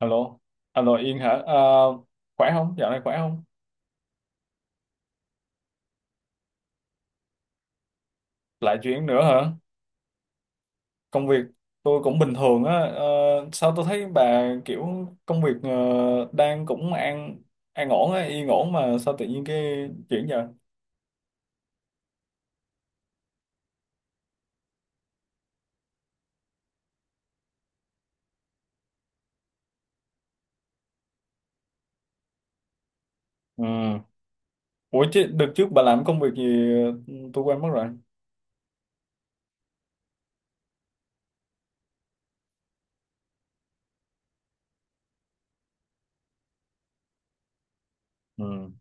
Alo, alo Yên hả? À, khỏe không? Dạo này khỏe không? Lại chuyện nữa hả? Công việc tôi cũng bình thường á. Ờ, sao tôi thấy bà kiểu công việc đang cũng an ổn á, yên ổn mà sao tự nhiên cái chuyển vậy? Ừ. Ủa chứ đợt trước bà làm công việc gì? Ừ, tôi quên mất rồi. Ừ.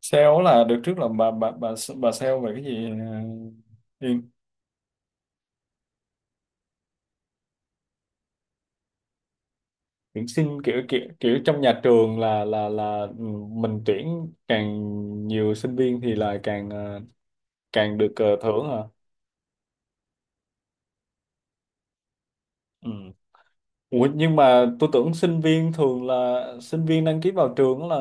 Sale là được, trước là bà sale về cái gì Yên? Tuyển sinh, kiểu kiểu kiểu trong nhà trường, là mình tuyển càng nhiều sinh viên thì là càng, càng được thưởng hả? Ừ. Ủa, nhưng mà tôi tưởng sinh viên thường là sinh viên đăng ký vào trường là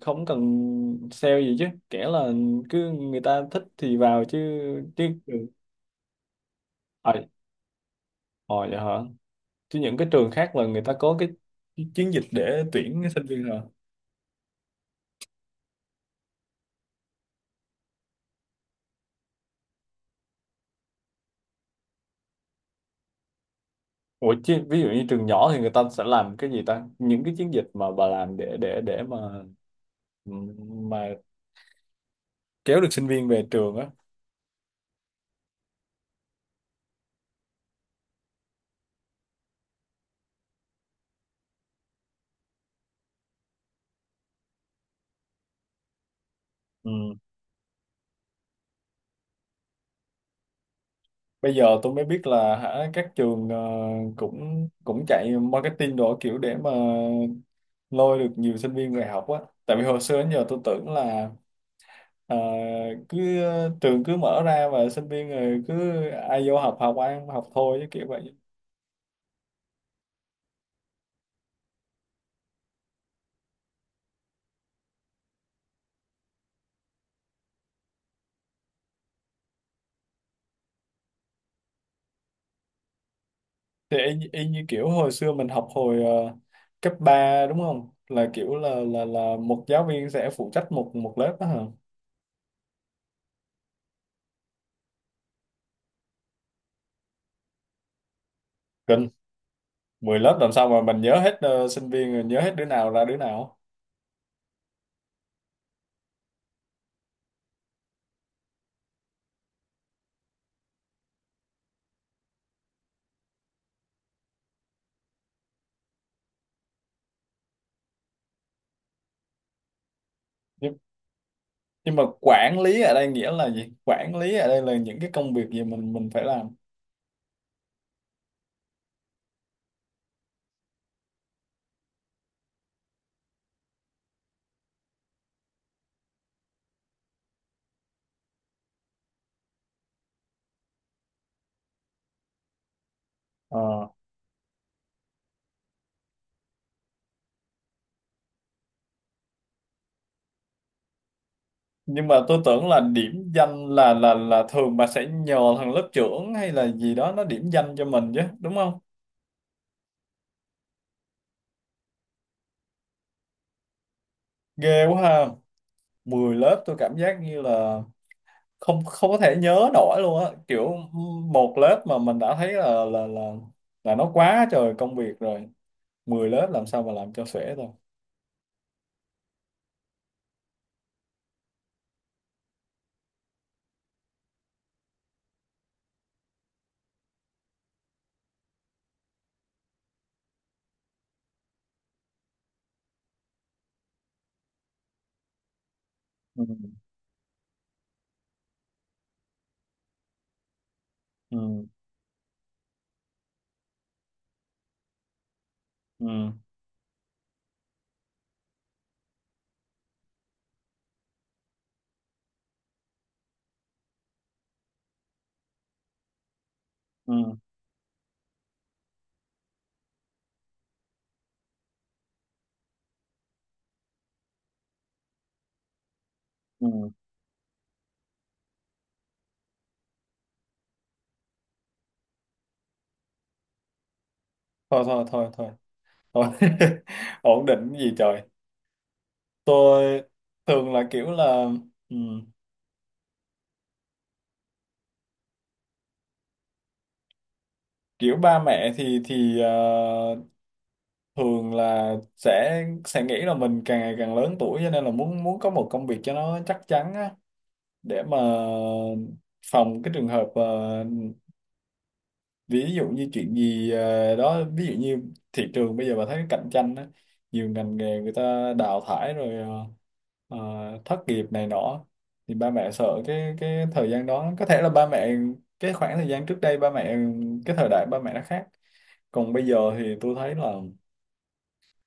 không cần sale gì chứ, kể là cứ người ta thích thì vào chứ chứ À, ờ vậy hả? Chứ những cái trường khác là người ta có cái chiến dịch để tuyển sinh viên hả? Ủa, chứ, ví dụ như trường nhỏ thì người ta sẽ làm cái gì ta? Những cái chiến dịch mà bà làm để mà kéo được sinh viên về trường á. Ừ. Bây giờ tôi mới biết là, hả, các trường cũng cũng chạy marketing đồ, kiểu để mà lôi được nhiều sinh viên về học á. Tại vì hồi xưa đến giờ tôi tưởng là ờ, cứ trường cứ mở ra và sinh viên rồi cứ ai vô học, học ăn học thôi chứ, kiểu vậy. Thì y như kiểu hồi xưa mình học hồi cấp ba, đúng không, là kiểu là là một giáo viên sẽ phụ trách một một lớp đó hả? Kinh, 10 lớp làm sao mà mình nhớ hết sinh viên, rồi nhớ hết đứa nào ra đứa nào? Nhưng, nhưng mà quản lý ở đây nghĩa là gì? Quản lý ở đây là những cái công việc gì mình phải làm? Ờ. Nhưng mà tôi tưởng là điểm danh là thường bà sẽ nhờ thằng lớp trưởng hay là gì đó nó điểm danh cho mình chứ, đúng không? Ghê quá ha. Mười lớp tôi cảm giác như là không không có thể nhớ nổi luôn á, kiểu một lớp mà mình đã thấy là nó quá trời công việc rồi, 10 lớp làm sao mà làm cho xuể thôi. Ừ, ừ, ừ, ừ, ừ. Thôi, thôi, thôi, thôi, thôi. Ổn định cái gì trời! Tôi thường là kiểu là, ừ, kiểu ba mẹ thì thường là sẽ nghĩ là mình càng ngày càng lớn tuổi cho nên là muốn muốn có một công việc cho nó chắc chắn á, để mà phòng cái trường hợp ví dụ như chuyện gì đó, ví dụ như thị trường bây giờ bà thấy cạnh tranh á, nhiều ngành nghề người ta đào thải rồi, ờ, ờ, thất nghiệp này nọ, thì ba mẹ sợ cái thời gian đó, có thể là ba mẹ, cái khoảng thời gian trước đây ba mẹ, cái thời đại ba mẹ nó khác. Còn bây giờ thì tôi thấy là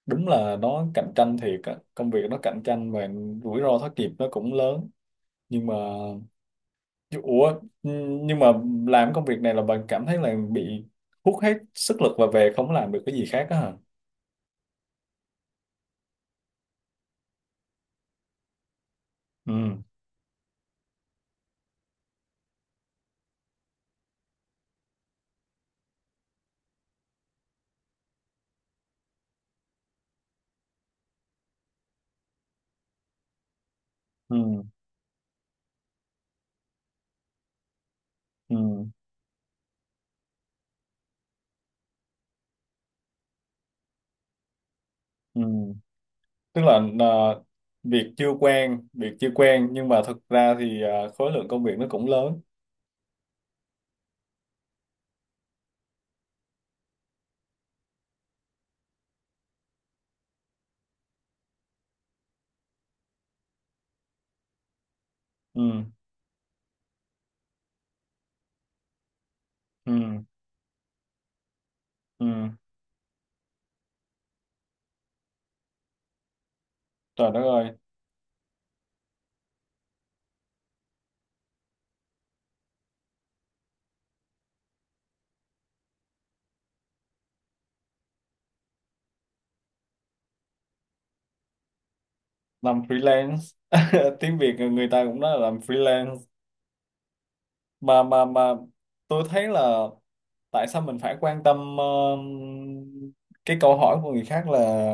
đúng là nó cạnh tranh thiệt á, công việc nó cạnh tranh và rủi ro thất nghiệp nó cũng lớn. Nhưng mà Ủa, nhưng mà làm công việc này là bạn cảm thấy là bị hút hết sức lực và về không làm được cái gì khác, đó hả? Ừ, ừ, ừ, ừ. Tức là việc chưa quen, nhưng mà thực ra thì khối lượng công việc nó cũng lớn. Ừ, ừ, ừ. Trời đất ơi, làm freelance. Tiếng Việt người ta cũng nói là làm freelance. Mà tôi thấy là tại sao mình phải quan tâm cái câu hỏi của người khác là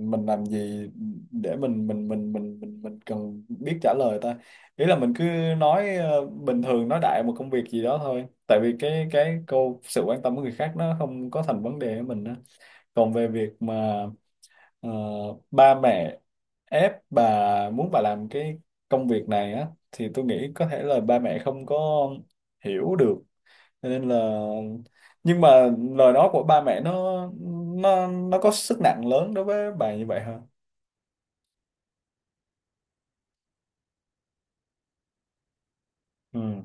mình làm gì, để mình cần biết trả lời ta? Ý là mình cứ nói bình thường, nói đại một công việc gì đó thôi, tại vì cái câu sự quan tâm của người khác nó không có thành vấn đề với mình á. Còn về việc mà Ờ, ba mẹ ép bà, muốn bà làm cái công việc này á, thì tôi nghĩ có thể là ba mẹ không có hiểu được. Cho nên là, nhưng mà lời nói của ba mẹ nó có sức nặng lớn đối với bà như vậy hả? Ừ.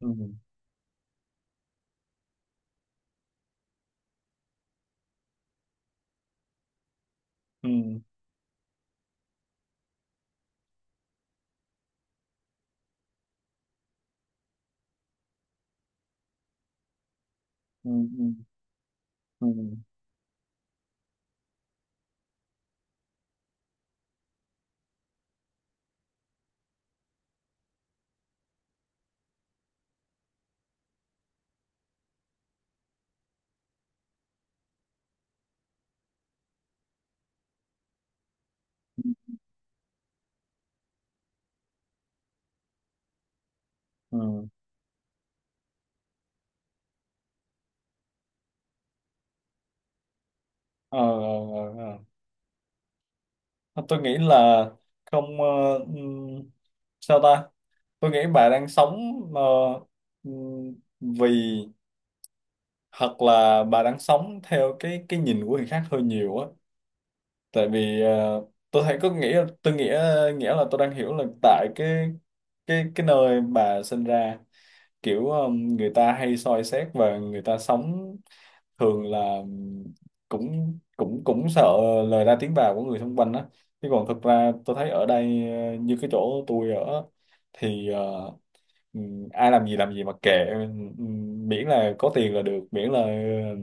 Ừ. Ừ. Ừ. Ừ. Ừ. Ừ. Ờ, ờ, ờ, ờ. Tôi nghĩ là, không, ừm, sao ta? Tôi nghĩ bà đang sống ờ, ừm, vì, hoặc là bà đang sống theo cái nhìn của người khác hơi nhiều á, tại vì tôi thấy, có nghĩa, tôi nghĩa nghĩa là tôi đang hiểu là tại cái nơi bà sinh ra, kiểu người ta hay soi xét và người ta sống thường là cũng cũng cũng sợ lời ra tiếng vào của người xung quanh á. Chứ còn thực ra tôi thấy ở đây, như cái chỗ tôi ở, thì ừ, ai làm gì mà kệ, ừ, miễn là có tiền là được, miễn là ừ,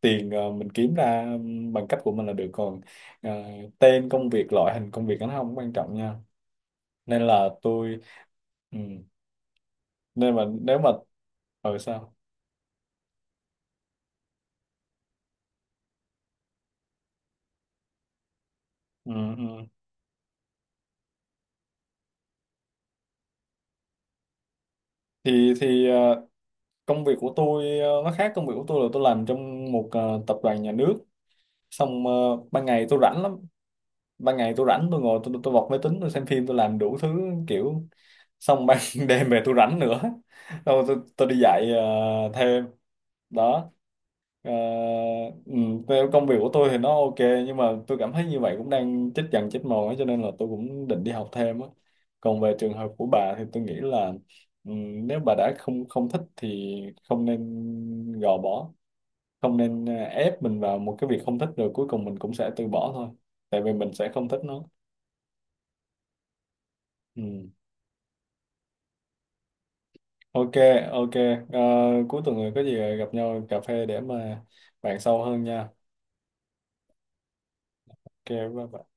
tiền mình kiếm ra bằng cách của mình là được, còn ờ, tên công việc, loại hình công việc nó không quan trọng nha. Nên là tôi, ừ, nên mà nếu mà, ở sao, ừ, ừ. Thì công việc của tôi nó khác, công việc của tôi là tôi làm trong một tập đoàn nhà nước, xong ban ngày tôi rảnh lắm. Ban ngày tôi rảnh, tôi ngồi, tôi bật máy tính, tôi xem phim, tôi làm đủ thứ, kiểu, xong ban đêm về tôi rảnh nữa, tôi đi dạy thêm, đó. Ờ, ừ, theo công việc của tôi thì nó ok, nhưng mà tôi cảm thấy như vậy cũng đang chết dần chết mòn ấy, cho nên là tôi cũng định đi học thêm á. Còn về trường hợp của bà thì tôi nghĩ là, ừ, nếu bà đã không không thích thì không nên gò bó, không nên ép mình vào một cái việc không thích rồi cuối cùng mình cũng sẽ từ bỏ thôi, tại vì mình sẽ không thích nó. Ừ. Ok, ok. Ờ, cuối tuần này có gì gặp nhau cà phê để mà bàn sâu hơn nha. Ok, bye bye.